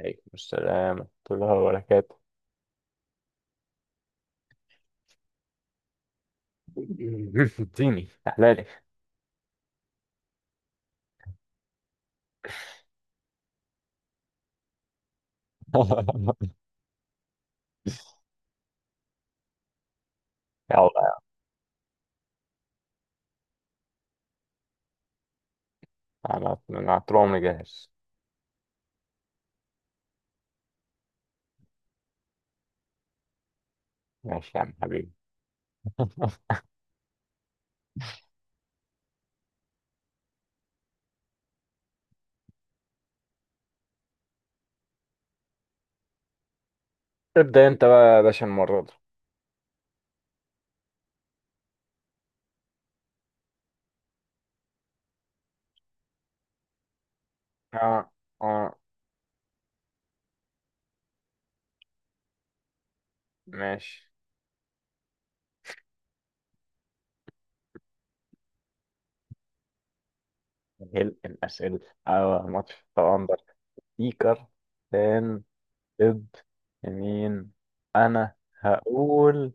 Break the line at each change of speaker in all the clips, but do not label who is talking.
عليكم السلام ورحمة الله وبركاته. اديني احلالي. يلا. انا طول عمري جاهز. ماشي يا عم حبيبي. ابدأ انت بقى يا باشا المرة دي. اه، اه، ماشي. هل الأسئلة اه ماتش تواندر سبيكر فان ضد مين؟ انا هقول،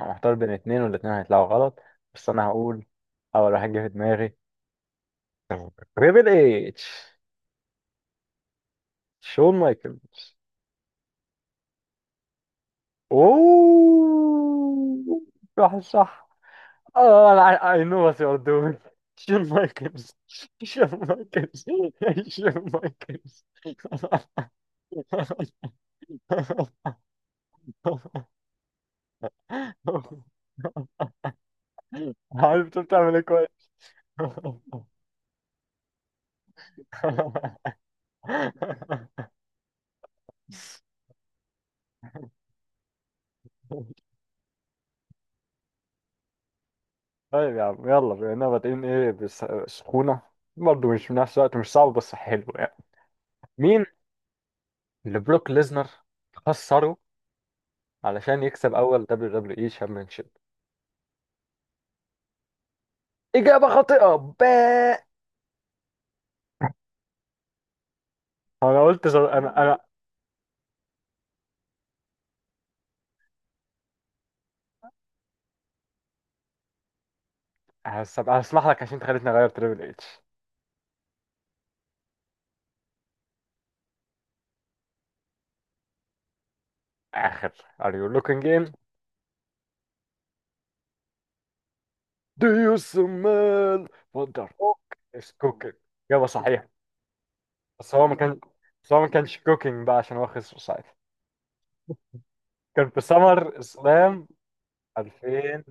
انا محتار بين اتنين والاتنين هيطلعوا غلط، بس انا هقول اول واحد جه في دماغي. تريبل اتش. شون مايكلز. اوه، صح صح، اه انا اي نو وات يو ار دوينج. شون مايكلز، شون مايكلز، شون مايكلز. عارف انت بتعمل ايه، كويس. طيب يا عم، يلا بما اننا بادئين ايه بس سخونه، برضه مش في نفس الوقت، مش صعب بس حلو يعني. مين اللي بروك ليزنر خسره علشان يكسب اول دبليو دبليو اي شامبيونشيب؟ اجابه خاطئه، باء. انا قلت زر... انا انا هسمح لك عشان انت خليتني اغير تريبل اتش. اخر are you looking in، do you smell what the fuck is cooking؟ اجابه صحيحه. بس هو ما كان، بس هو ما كانش cooking بقى عشان هو خسر ساعتها، كان في سمر اسلام 2000.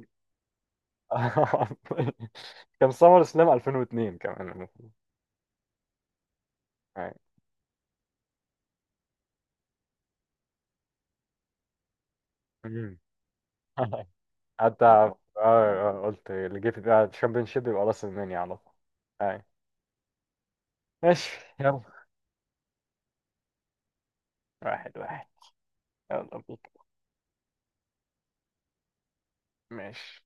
كان سمر اسلام 2002 كمان المفروض. أي. حتى قلت اللي جه في بالي الشامبيونشيب يبقى راس المانيا على طول. أي. ماشي، يلا. واحد واحد. يلا بيك. ماشي.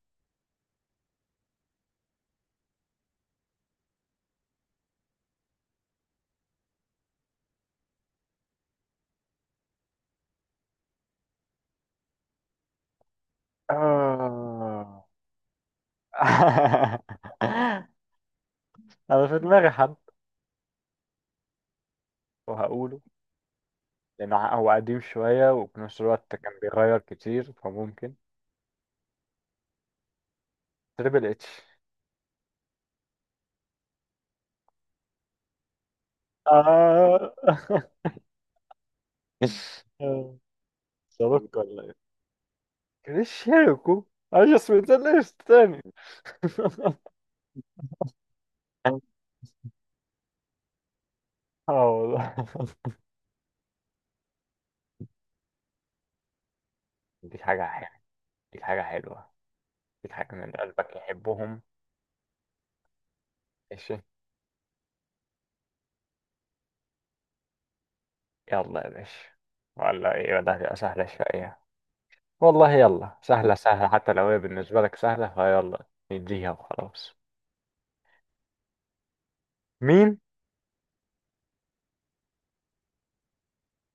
آه. انا في دماغي حد وهقوله، لانه هو قديم شوية وفي نفس الوقت كان بيغير كتير فممكن. تريبل اتش. آه. صاروخ ولا ايه؟ كريش شيركو. انا اسمه ده ليش تاني. اه والله. دي حاجة، ديك حاجة حلوة، ديك حاجة من قلبك يحبهم. ماشي، يلا يا باشا، ولا ايه، ده هتبقى سهلة شوية. والله يلا، سهلة سهلة حتى لو هي بالنسبة لك سهلة فيلا، نديها وخلاص. مين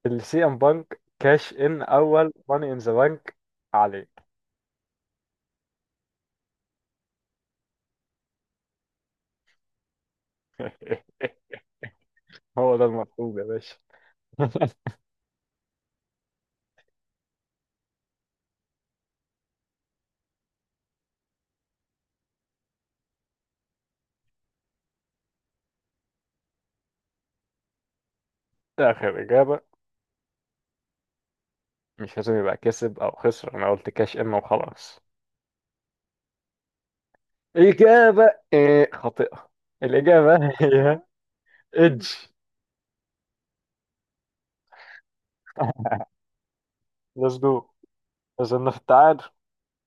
اللي سي ام بانك كاش ان اول ماني ان ذا بانك عليه؟ هو ده المطلوب يا باشا. ده آخر إجابة، مش لازم يبقى كسب أو خسر، أنا قلت كاش إن وخلاص. إجابة إيه؟ خاطئة. الإجابة هي إدج. ليتس جو. وصلنا في التعادل.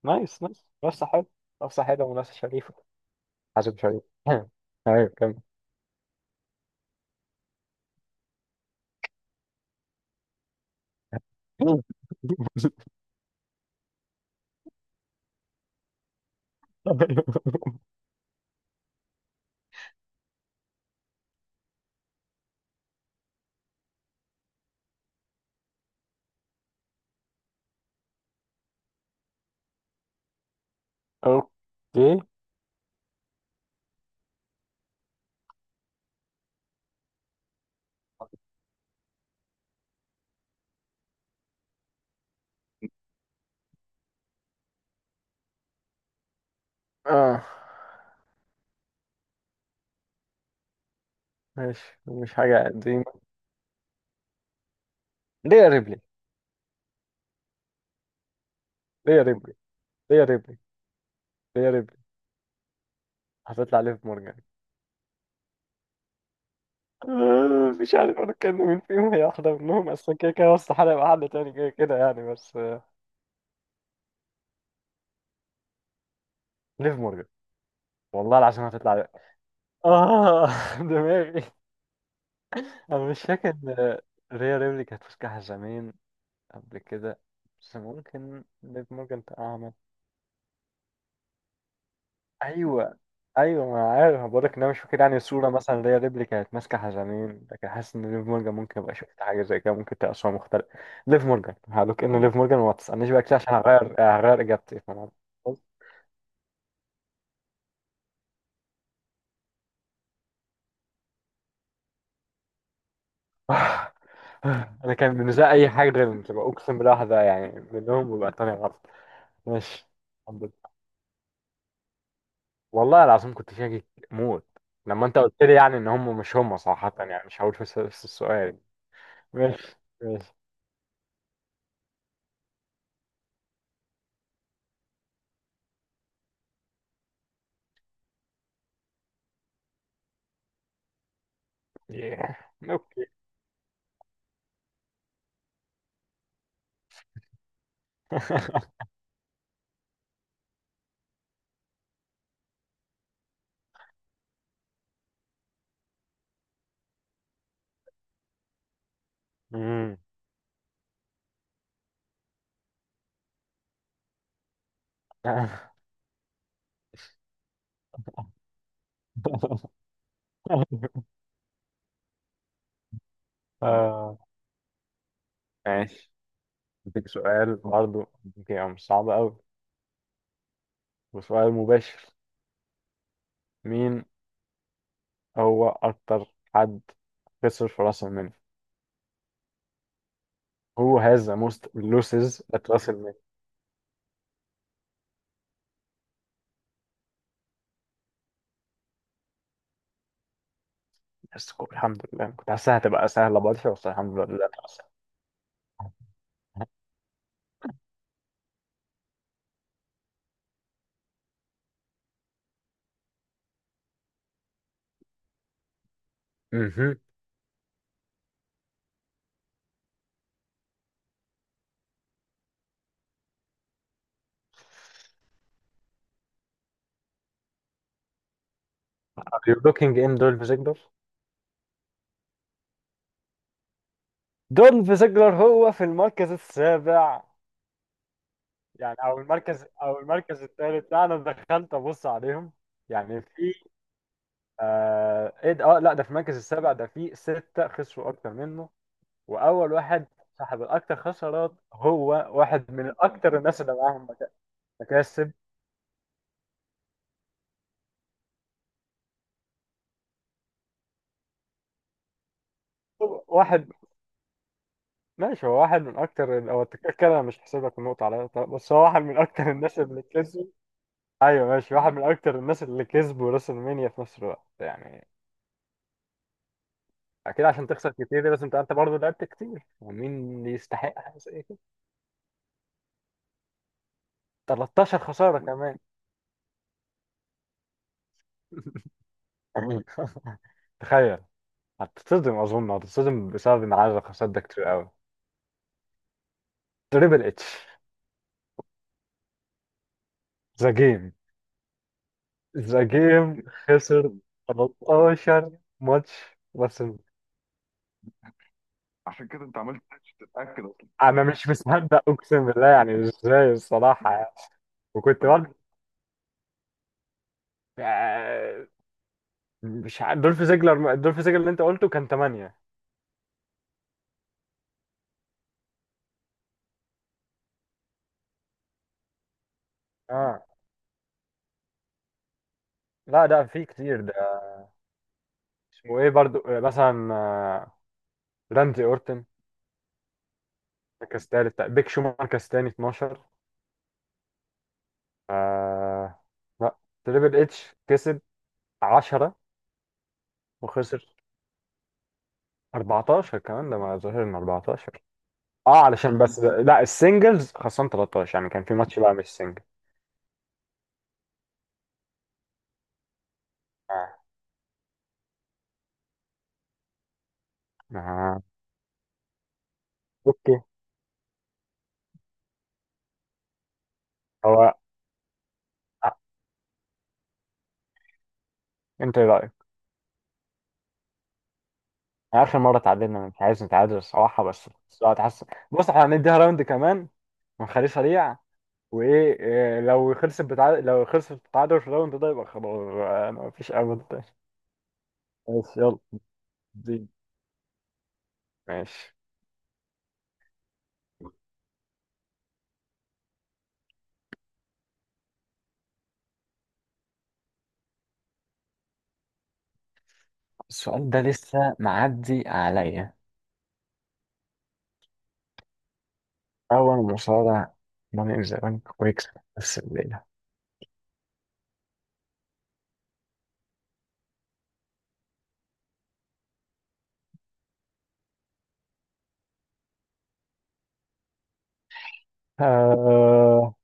نايس نايس، منافسة حلوة. منافسة حلوة ومنافسة شريفة. حازم شريف. ايوه كمل. اوكي. اه ماشي، مش حاجة قديمة. ليا ريبلي. ليا ريبلي. ليا ريبلي. ليا ريبلي. هتطلع ليف مورجان. مش عارف انا كان مين فيهم، هي واحدة منهم، اصلا كده كده استحالة يبقى حد تاني كده كده يعني، بس ليف مورجان. والله العظيم هتطلع ليف. اه. دماغي. انا مش فاكر. ريا ريبلي كانت ماسكها زمان قبل كده، بس ممكن ليف مورجان أعمى. أيوه. أيوه، ما أنا عارف، بقولك إن أنا مش فاكر يعني صورة، مثلا اللي هي ريبلي كانت ماسكة حزامين، لكن حاسس إن ليف مورجان ممكن أبقى شفت حاجة زي كده، ممكن تبقى صورة مختلفة. ليف مورجان، هقولك إن ليف مورجان، وما تسألنيش بقى كتير عشان هغير إجابتي في الموضوع. آه، آه، أنا كان بالنسبة لي أي حاجة غيرهم تبقى، أقسم بالله واحدة يعني منهم ويبقى التانية غلط. ماشي. الحمد لله. والله العظيم كنت شاكك موت لما أنت قلت لي، يعني إن هم مش هم، صراحة يعني مش هقول في السؤال. ماشي، ماشي. yeah. اوكي. مم. آه، ماشي، اديك سؤال برضه، يعني مش صعب قوي، وسؤال مباشر. مين هو اكتر حد خسر في راس المال؟ هو has the most losses at راس المال. الحمد لله أنا كنت حاسسها هتبقى سهلة برشا، بس الحمد لله طلعت سهلة. مهم. Are you looking in دولف زيجلر؟ دولف زيجلر هو في المركز السابع. يعني او المركز او المركز الثالث، لا انا دخلت ابص عليهم، يعني في آه ايه ده، اه لا ده في المركز السابع، ده في ستة خسروا اكتر منه. واول واحد صاحب الاكتر خسارات هو واحد من اكتر الناس اللي معاهم مكاسب. واحد. ماشي، هو واحد من اكتر هو التكتيك كده، انا مش هحسب لك النقطة على طب، بس هو واحد من اكتر الناس اللي كسبوا. ايوه ماشي، واحد من اكتر الناس اللي كسبوا راس المنيا في نفس الوقت يعني. اكيد عشان تخسر كتير دي لازم تبقى انت برضه لعبت كتير، ومين يستحق حاجه زي كده. 13 خساره كمان. تخيل. هتتصدم، اظن هتتصدم بسبب ان عدد الخسارات ده كتير قوي. تريبل اتش. ذا جيم. ذا جيم خسر 13 ماتش بس. عشان كده انت عملت تتاكد، اصلا انا مش مصدق اقسم بالله، يعني ازاي، الصراحه يعني. وكنت برضه آه، مش عارف، دولف زيجلر، دولف زيجلر اللي انت قلته كان 8. اه لا ده في كتير ده. اسمه ايه برضو آه، مثلا آه، راندي اورتن مركز تالت، بيك شو مركز تاني، 12. آه. لا تريبل اتش كسب 10 وخسر 14 كمان، ده ما ظهر ان 14 اه علشان بس ده. لا السنجلز خسران 13، يعني كان في ماتش بقى مش سنجل. آه. آه. اوكي. هو. آه. انت ايه رايك؟ يعني اخر مره تعادلنا، مش عايز نتعادل الصراحه، بس بس حاسس. بص احنا هنديها راوند كمان ونخليه سريع. وايه إيه، لو خلصت بتعادل، لو خلصت بتعادل في الراوند ده يبقى خلاص بقى مفيش امل تاني. بس يلا. دي ماشي. السؤال ده لسه معدي عليا. اول مصارع ماني ان ذا بانك ويكسب نفس الليله. آه...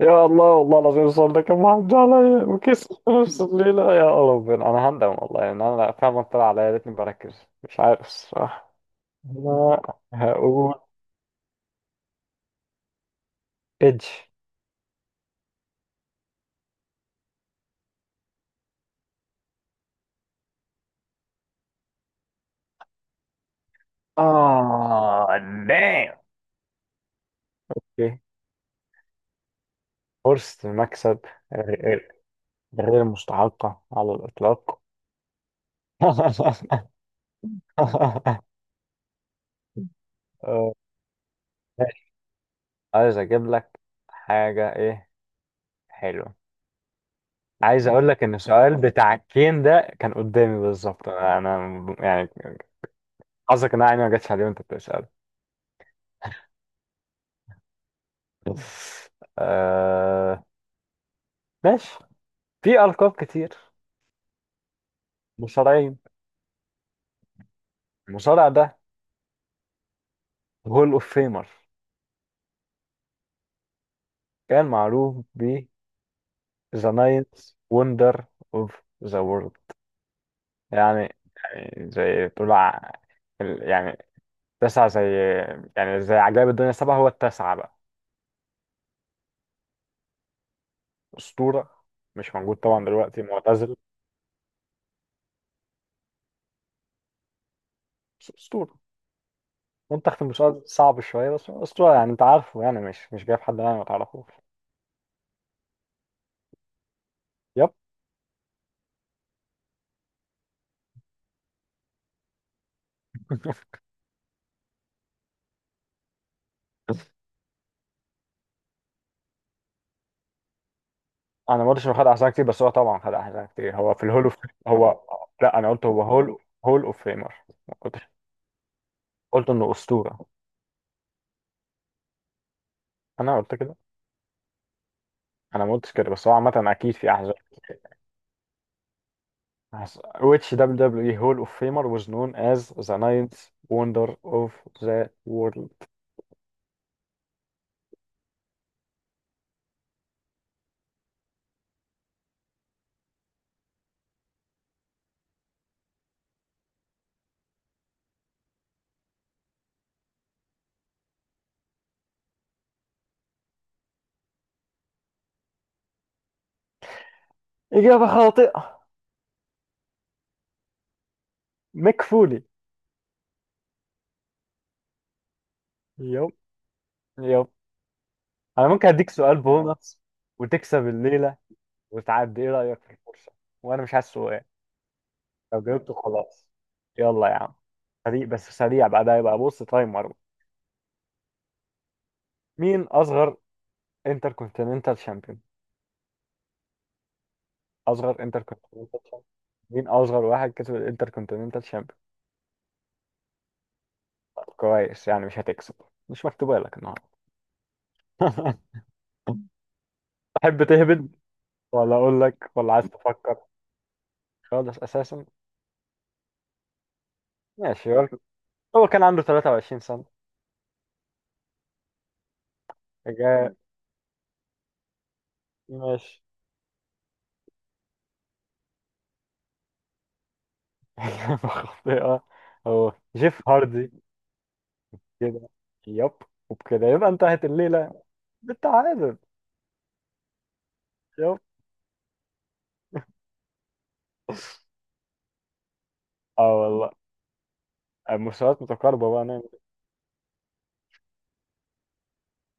يا الله، والله العظيم السؤال ده كان معدي عليا وكسب نفس الليله، يا ربنا انا هندم والله، يعني انا فعلا طلع عليا، يا ريتني بركز، مش عارف الصراحه. انا هقول ايدج. اه دام. فرصة المكسب، غير، غير مستحقة على الإطلاق. آه، ماشي. عايز أجيب لك حاجة إيه حلوة. عايز أقول لك إن السؤال بتاع الكين ده كان قدامي بالظبط، أنا يعني حظك إن أنا عيني ما جاتش عليه وأنت بتسأل. آه. ماشي. في ألقاب كتير، مصارعين. المصارع ده هول أوف فيمر، كان معروف ب The Ninth Wonder of the World. يعني، يعني زي تقول يعني تسعة زي، يعني زي عجائب الدنيا السبعة هو التاسعة بقى. أسطورة، مش موجود طبعا دلوقتي، معتزل، بس أسطورة. منتخب في المسابقة صعب شوية، بس هو أسطورة يعني أنت عارفه، يعني مش جايب حد يعني ما تعرفوش. يب. أنا ما قلتش إنه خد أحزاب كتير، بس هو طبعا خد أحزاب كتير، هو في الهول أوف. هو. لا أنا قلت هو هول، هول أوف فيمر. ما قلتش، قلت إنه أسطورة. أنا قلت كده. أنا ما قلتش كده، بس هو عامة أكيد في أحزاب. As which WWE Hall of Famer was known as the ninth wonder of the world؟ إجابة خاطئة. ميك فولي. يب. يب. أنا ممكن أديك سؤال بونص وتكسب الليلة وتعدي، إيه رأيك في الفرصة؟ وأنا مش عايز سؤال، لو جاوبته خلاص. يلا يا عم، سريع بس سريع، بعدها يبقى بص تايمر. مين أصغر انتركونتيننتال شامبيون؟ أصغر انتركونتيننتال شامبيون. مين أصغر واحد كسب الانتركونتيننتال شامبيون؟ طب كويس، يعني مش هتكسب، مش مكتوبة لك النهاردة. تحب تهبد ولا اقول لك، ولا عايز تفكر خالص اساسا. ماشي. هو كان عنده 23 سنة. جاء ماشي. إجابة خاطئة. هو جيف هاردي. كده. يب. وبكده يبقى انتهت الليلة بالتعادل. يب. اه والله. المستويات متقاربة بقى نعمل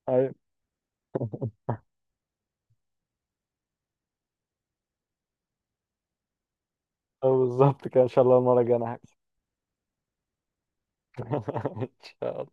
إيه؟ ايوه. آه بالظبط كده، ان شاء الله المرة الجاية انا هكسب. ان شاء